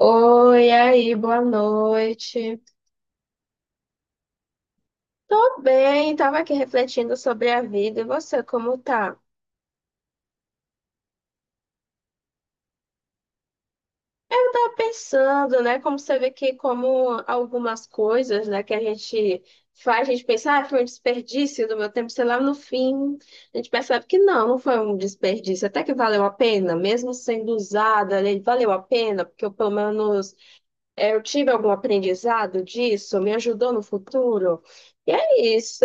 Oi, aí, boa noite. Tô bem, tava aqui refletindo sobre a vida. E você, como tá? Eu tava pensando, né, como você vê que como algumas coisas, né, que a gente faz, a gente pensa, ah, foi um desperdício do meu tempo, sei lá, no fim, a gente percebe que não, não foi um desperdício, até que valeu a pena, mesmo sendo usada, né, valeu a pena, porque eu, pelo menos eu tive algum aprendizado disso, me ajudou no futuro. E é isso.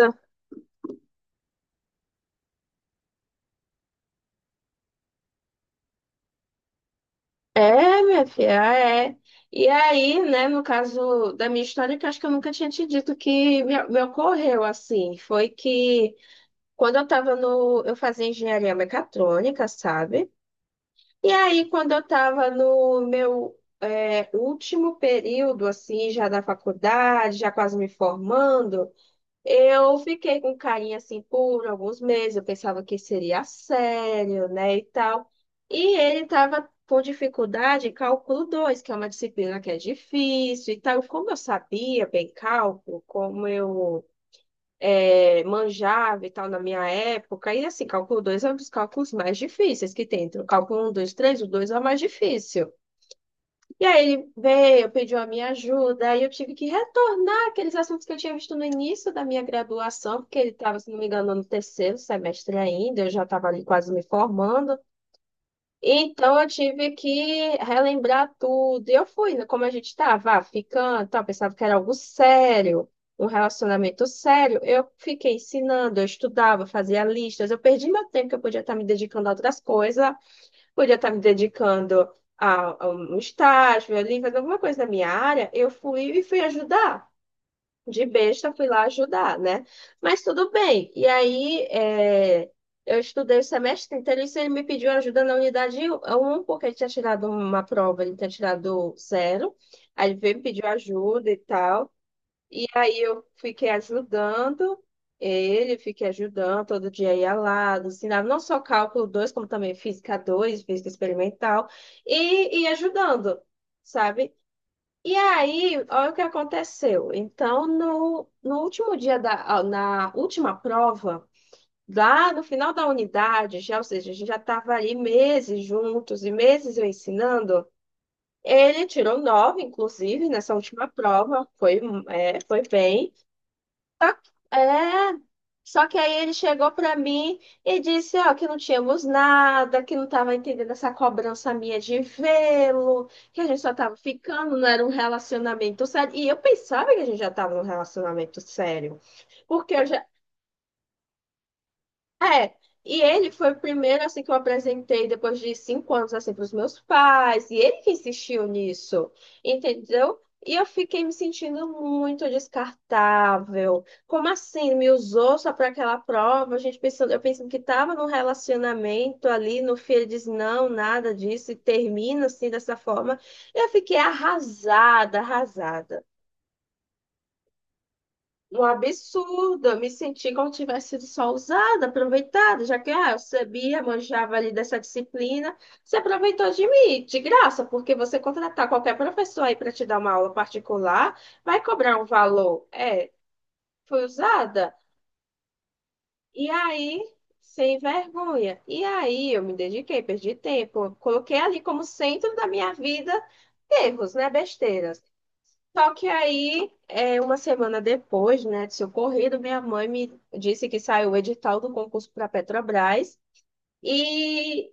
É, minha filha, é. E aí, né, no caso da minha história, que eu acho que eu nunca tinha te dito que me ocorreu assim, foi que quando eu tava no, eu fazia engenharia mecatrônica, sabe? E aí, quando eu tava no meu último período, assim, já da faculdade, já quase me formando, eu fiquei com carinha assim por alguns meses, eu pensava que seria sério, né, e tal. E ele estava com dificuldade em cálculo dois, que é uma disciplina que é difícil e tal. Como eu sabia bem cálculo, como eu manjava e tal na minha época, e assim, cálculo 2 é um dos cálculos mais difíceis que tem. Entre o cálculo um, dois, três, o 2 é o mais difícil. E aí ele veio, pediu a minha ajuda, aí eu tive que retornar aqueles assuntos que eu tinha visto no início da minha graduação, porque ele estava, se não me engano, no terceiro semestre ainda, eu já estava ali quase me formando. Então eu tive que relembrar tudo. E eu fui, né, como a gente estava, ah, ficando, tal, pensava que era algo sério, um relacionamento sério. Eu fiquei ensinando, eu estudava, fazia listas, eu perdi meu tempo que eu podia estar me dedicando a outras coisas, podia estar me dedicando a um estágio ali, fazer alguma coisa na minha área, eu fui e fui ajudar. De besta, fui lá ajudar, né? Mas tudo bem. E aí, eu estudei o semestre inteiro, isso ele me pediu ajuda na unidade 1, porque ele tinha tirado uma prova, ele tinha tirado zero. Aí ele veio me pedir ajuda e tal. E aí eu fiquei ajudando ele, fiquei ajudando, todo dia ia lá, ensinava não só cálculo 2 como também física dois, física experimental, e ia ajudando, sabe? E aí, olha o que aconteceu. Então, no último dia da, ah, na última prova, lá no final da unidade, já, ou seja, a gente já estava ali meses juntos e meses eu ensinando. Ele tirou nove, inclusive, nessa última prova, foi bem. É, só que aí ele chegou para mim e disse, ó, que não tínhamos nada, que não estava entendendo essa cobrança minha de vê-lo, que a gente só estava ficando, não era um relacionamento sério. E eu pensava que a gente já estava num relacionamento sério, porque eu é, e ele foi o primeiro assim que eu apresentei depois de cinco anos assim para os meus pais, e ele que insistiu nisso, entendeu? E eu fiquei me sentindo muito descartável. Como assim? Me usou só para aquela prova? A gente pensando, eu pensando que estava num relacionamento ali, no fim ele diz não, nada disso, e termina assim dessa forma. Eu fiquei arrasada, arrasada. Um absurdo, eu me senti como se tivesse sido só usada, aproveitada, já que ah, eu sabia, manjava ali dessa disciplina. Você aproveitou de mim, de graça, porque você contratar qualquer professor aí para te dar uma aula particular, vai cobrar um valor. É, foi usada. E aí, sem vergonha. E aí, eu me dediquei, perdi tempo, coloquei ali como centro da minha vida erros, né, besteiras. Só que aí, uma semana depois, né, de ser ocorrido, minha mãe me disse que saiu o edital do concurso para a Petrobras e,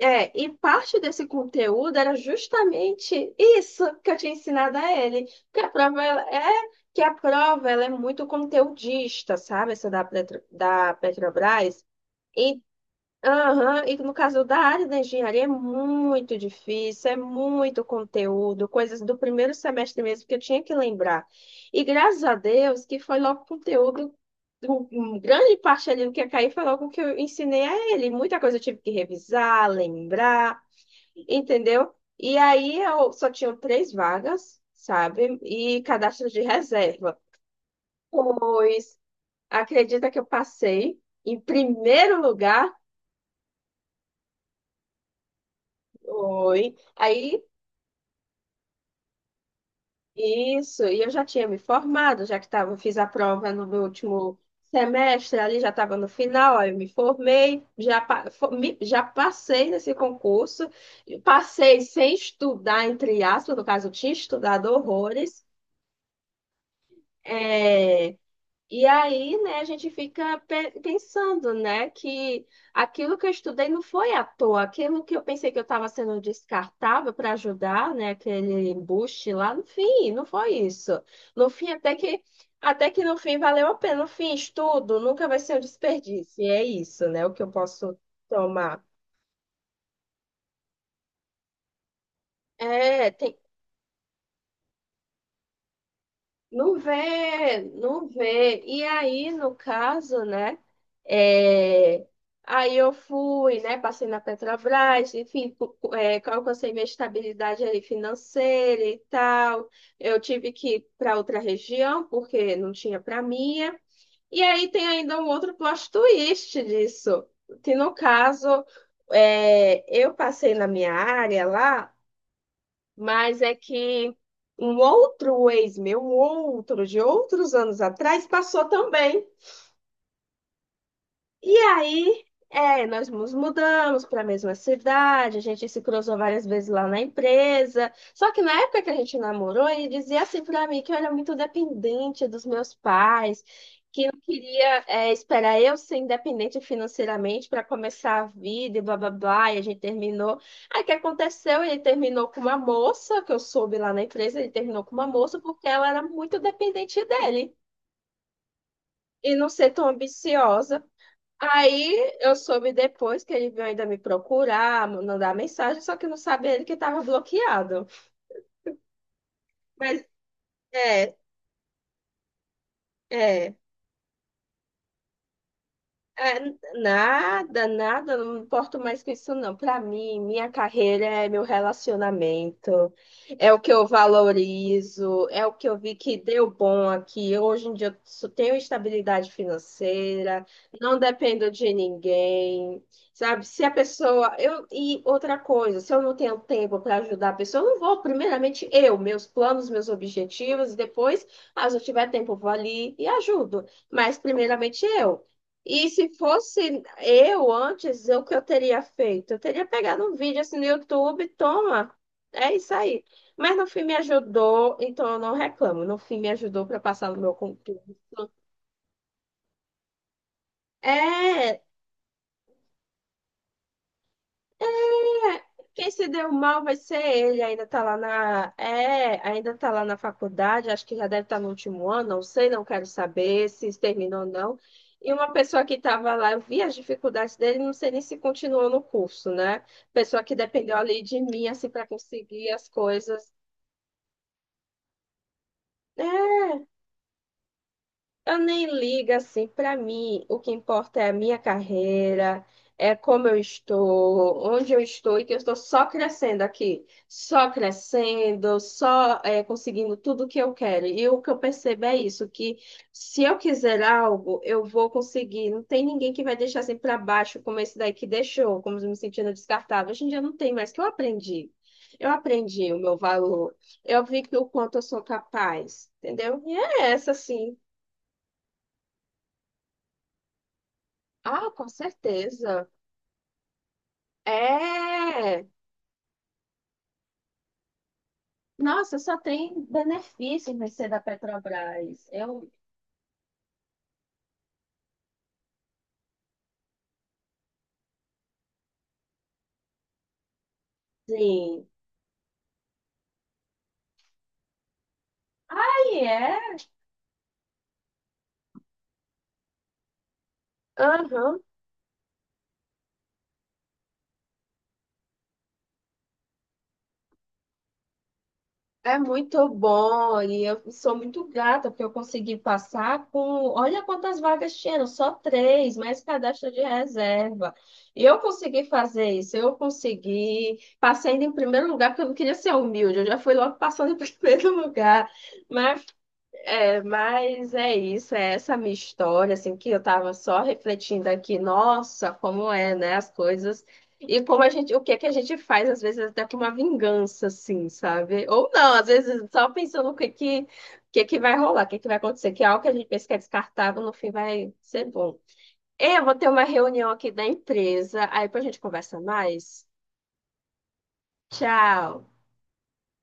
e parte desse conteúdo era justamente isso que eu tinha ensinado a ele, que a prova ela é, que a prova ela é muito conteudista, sabe, essa da Petrobras. Aham. E no caso da área da engenharia é muito difícil, é muito conteúdo, coisas do primeiro semestre mesmo que eu tinha que lembrar. E graças a Deus que foi logo conteúdo, um- um grande parte ali do que ia cair foi logo o que eu ensinei a ele. Muita coisa eu tive que revisar, lembrar, entendeu? E aí eu só tinha três vagas, sabe? E cadastro de reserva. Pois, acredita que eu passei em primeiro lugar? Oi. Aí isso, e eu já tinha me formado, já que tava, fiz a prova no meu último semestre, ali já estava no final, aí eu me formei, já, já passei nesse concurso, e passei sem estudar, entre aspas, no caso, eu tinha estudado horrores. é, e aí, né, a gente fica pensando, né, que aquilo que eu estudei não foi à toa, aquilo que eu pensei que eu estava sendo descartável para ajudar, né, aquele embuste lá, no fim, não foi isso. No fim, até que no fim valeu a pena. No fim, estudo nunca vai ser um desperdício. E é isso, né, o que eu posso tomar. É, tem. Não vê, não vê. E aí, no caso, né? é, aí eu fui, né? Passei na Petrobras, enfim, alcancei minha estabilidade aí financeira e tal. Eu tive que ir para outra região, porque não tinha para minha. E aí tem ainda um outro plot twist disso, que no caso, eu passei na minha área lá, mas é que um outro ex meu, um outro de outros anos atrás, passou também. E aí, nós nos mudamos para a mesma cidade, a gente se cruzou várias vezes lá na empresa. Só que na época que a gente namorou, ele dizia assim para mim que eu era muito dependente dos meus pais, que não queria, esperar eu ser independente financeiramente para começar a vida e blá blá blá. E a gente terminou. Aí o que aconteceu? Ele terminou com uma moça, que eu soube lá na empresa, ele terminou com uma moça porque ela era muito dependente dele. E não ser tão ambiciosa. Aí eu soube depois que ele veio ainda me procurar, mandar mensagem, só que não sabia ele que estava bloqueado. Mas é, é. É, nada, nada, não me importo mais com isso, não. Para mim, minha carreira é meu relacionamento, é o que eu valorizo, é o que eu vi que deu bom aqui. Hoje em dia eu só tenho estabilidade financeira, não dependo de ninguém, sabe? Se a pessoa. Eu, e outra coisa, se eu não tenho tempo para ajudar a pessoa, eu não vou, primeiramente, eu, meus planos, meus objetivos, e depois, ah, se eu tiver tempo, eu vou ali e ajudo. Mas, primeiramente, eu. E se fosse eu antes, o que eu teria feito? Eu teria pegado um vídeo assim no YouTube, toma, é isso aí. Mas no fim me ajudou, então eu não reclamo. No fim me ajudou para passar no meu concurso. É. É, quem se deu mal vai ser ele, ainda tá lá na, é, ainda tá lá na faculdade, acho que já deve estar no último ano, não sei, não quero saber se terminou ou não. E uma pessoa que estava lá, eu vi as dificuldades dele, não sei nem se continuou no curso, né? Pessoa que dependeu ali de mim, assim, para conseguir as coisas. É. Eu nem ligo assim, para mim, o que importa é a minha carreira, é como eu estou, onde eu estou e que eu estou só crescendo aqui, só crescendo, conseguindo tudo o que eu quero. E o que eu percebo é isso, que se eu quiser algo, eu vou conseguir. Não tem ninguém que vai deixar assim para baixo, como esse daí que deixou, como me sentindo descartável. Hoje em dia não tem mais, que eu aprendi. Eu aprendi o meu valor. Eu vi que o quanto eu sou capaz, entendeu? E é essa, assim. Ah, com certeza. É. Nossa, só tem benefício em ser da Petrobras. Eu, sim. Aí é. Aham. É muito bom e eu sou muito grata porque eu consegui passar com. Olha quantas vagas tinham, só três, mais cadastro de reserva. E eu consegui fazer isso, eu consegui. Passei ainda em primeiro lugar, porque eu não queria ser humilde, eu já fui logo passando em primeiro lugar. Mas É, mas é isso, é essa minha história, assim, que eu tava só refletindo aqui, nossa, como é, né, as coisas, e como a gente, o que é que a gente faz, às vezes, até com uma vingança, assim, sabe? Ou não, às vezes, só pensando o que que vai rolar, o que que vai acontecer, que é algo que a gente pensa que é descartável, no fim vai ser bom. Eu vou ter uma reunião aqui da empresa, aí depois a gente conversa mais. Tchau!